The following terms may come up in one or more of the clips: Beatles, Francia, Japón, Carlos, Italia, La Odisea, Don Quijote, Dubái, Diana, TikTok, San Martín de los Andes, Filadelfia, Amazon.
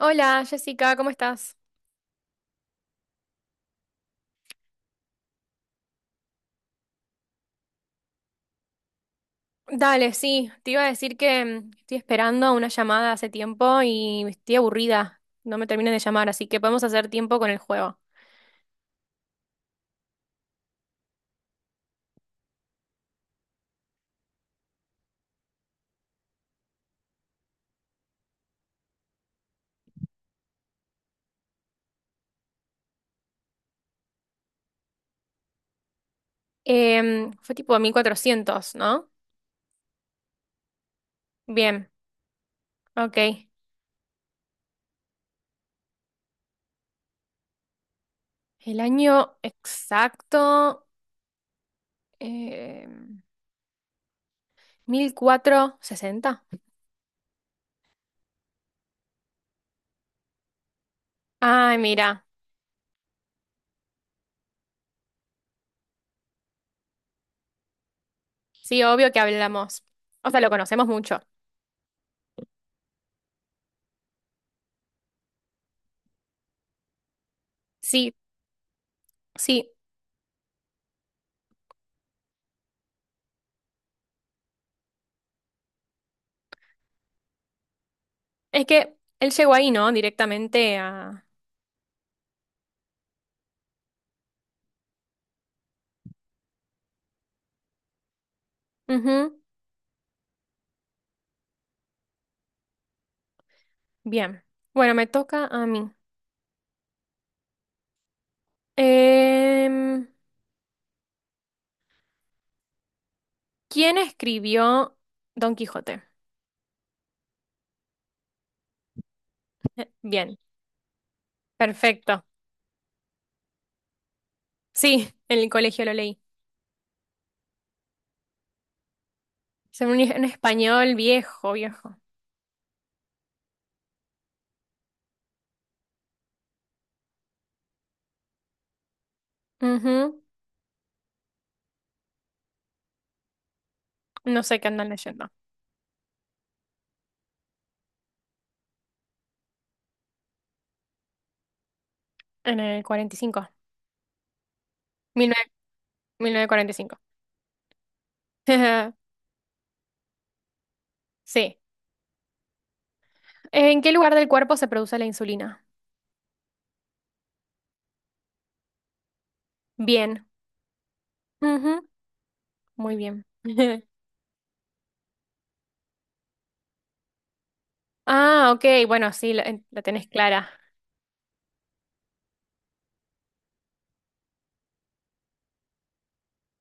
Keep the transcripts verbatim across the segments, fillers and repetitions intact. Hola Jessica, ¿cómo estás? Dale, sí, te iba a decir que mm, estoy esperando una llamada hace tiempo y estoy aburrida, no me terminan de llamar, así que podemos hacer tiempo con el juego. Em, fue tipo mil cuatrocientos, ¿no? Bien, ok. El año exacto, em, mil cuatrocientos sesenta. Ay, mira, sí, obvio que hablamos. O sea, lo conocemos mucho. Sí, sí, es que él llegó ahí, ¿no? Directamente a... Ujú. Bien. Bueno, me toca a mí. Em, ¿Quién escribió Don Quijote? Bien, perfecto. Sí, en el colegio lo leí. Es un, un español viejo, viejo. Ujú. No sé qué andan leyendo. En el cuarenta y cinco mil nueve- mil novecientos cuarenta y cinco. Sí. ¿En qué lugar del cuerpo se produce la insulina? Bien. Ujú. Muy bien. Ah, ok. Bueno, sí, la, la tenés clara.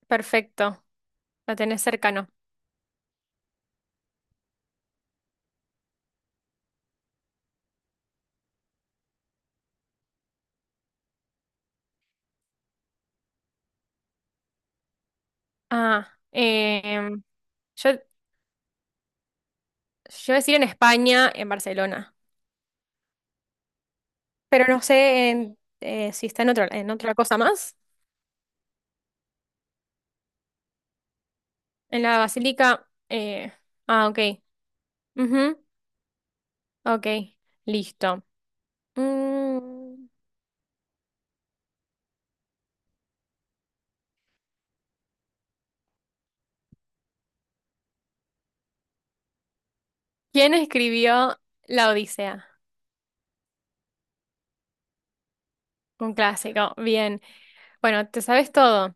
Perfecto. La tenés cercano. Ah, em, yo, yo iba a decir en España, en Barcelona, pero no sé en, eh, si está en otra, en otra cosa más. En la Basílica. Eh, ah, ok. Ujú, ok, listo. Mm, ¿Quién escribió La Odisea? Un clásico, bien. Bueno, te sabes todo,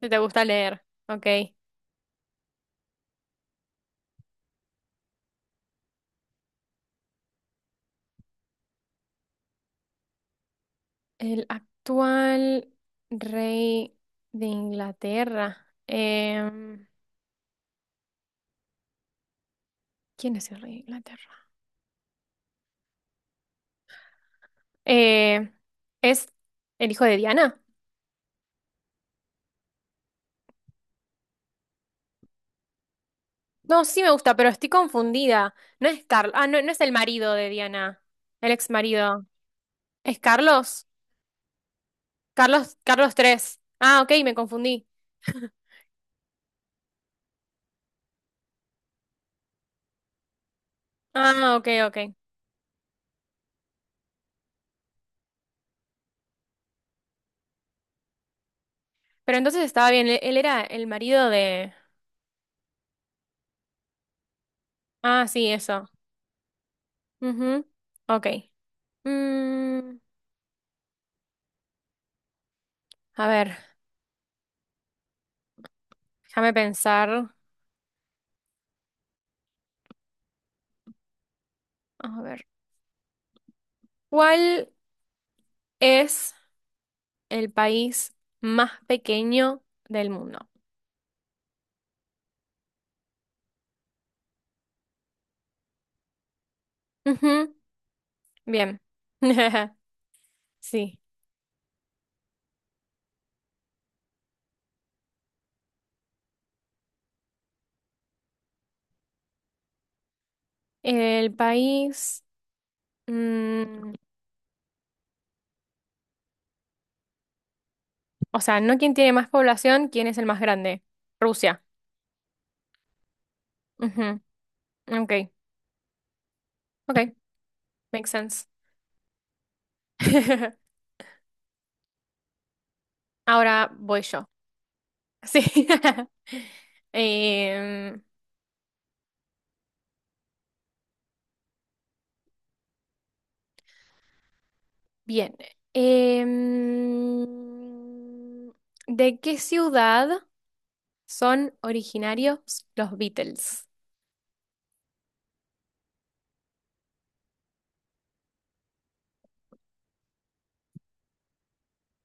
si te gusta leer, ok. El actual rey de Inglaterra. Em, ¿quién es el rey de Inglaterra? Eh, ¿Es el hijo de Diana? No, sí me gusta, pero estoy confundida. No es Carlos. Ah, no, no es el marido de Diana. El ex marido. ¿Es Carlos? Carlos, Carlos tres. Ah, ok, me confundí. Ah, ok, ok. Pero entonces estaba bien. Él, él era el marido de. Ah, sí, eso. Ujú. Ok. Mm, a ver, déjame pensar. A ver. ¿Cuál es el país más pequeño del mundo? Ujú. Bien. Sí. El país, mm, o sea, no quién tiene más población, quién es el más grande. Rusia. Ujú. Ok, ok, makes sense. Ahora voy yo. Sí. Em, Bien. Em, ¿De qué ciudad son originarios los Beatles?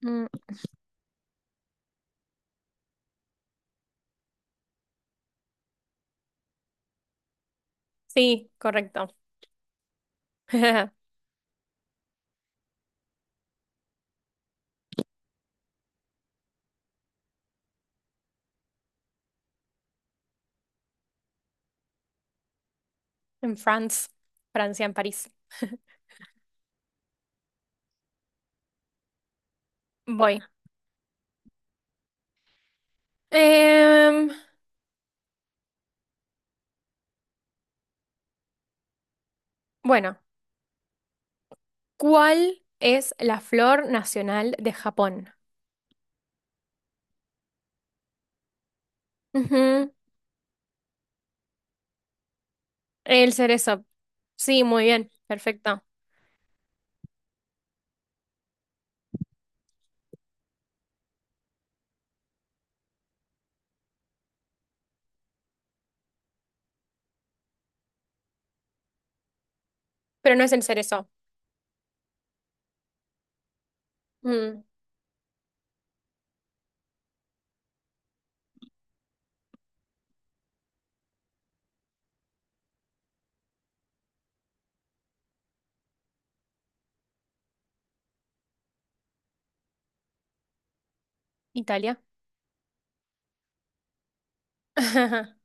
Mm, sí, correcto. En France, Francia, en París. Voy. Em, bueno, ¿cuál es la flor nacional de Japón? Ujú, el cerezo. Sí, muy bien, perfecto. Pero no es el cerezo. Mm, Italia.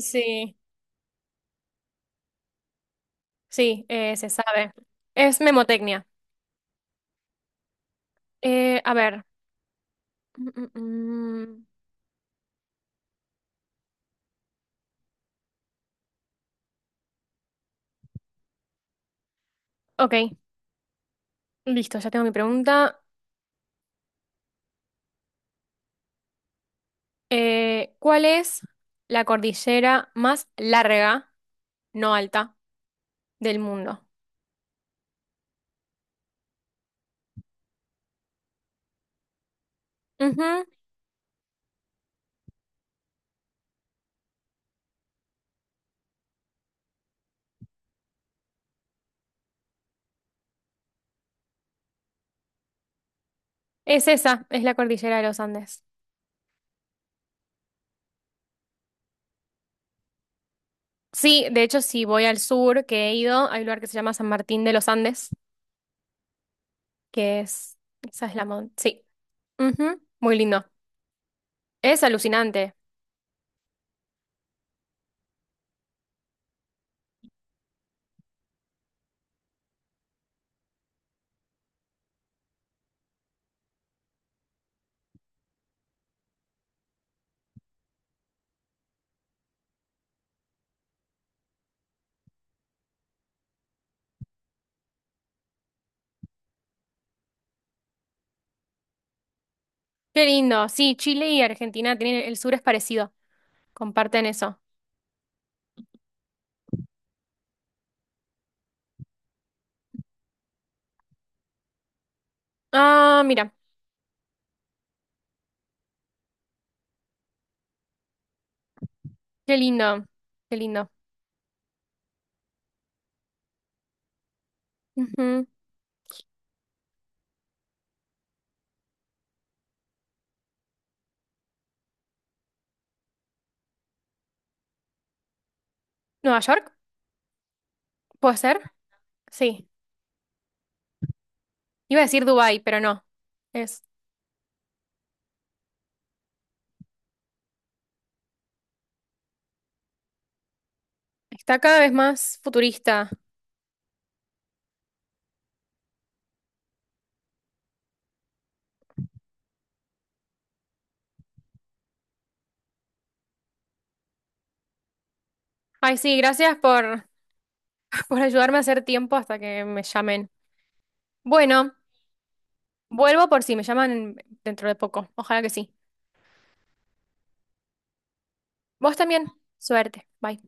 Sí, sí, eh, se sabe. Es memotecnia. Eh, a ver. Mm, mm, mm. Ok, listo, ya tengo mi pregunta. Eh, ¿cuál es la cordillera más larga, no alta, del mundo? Es esa, es la cordillera de los Andes. Sí, de hecho, si voy al sur, que he ido, hay un lugar que se llama San Martín de los Andes, que es, esa es la mon- sí. Ujú, muy lindo. Es alucinante. Qué lindo. Sí, Chile y Argentina tienen, el sur es parecido, comparten eso. Ah, mira, qué lindo, qué lindo. Ujú. ¿Nueva York? ¿Puede ser? Sí. Iba a decir Dubái, pero no. Es, está cada vez más futurista. Ay, sí, gracias por, por ayudarme a hacer tiempo hasta que me llamen. Bueno, vuelvo por si me llaman dentro de poco. Ojalá que sí. Vos también. Suerte. Bye.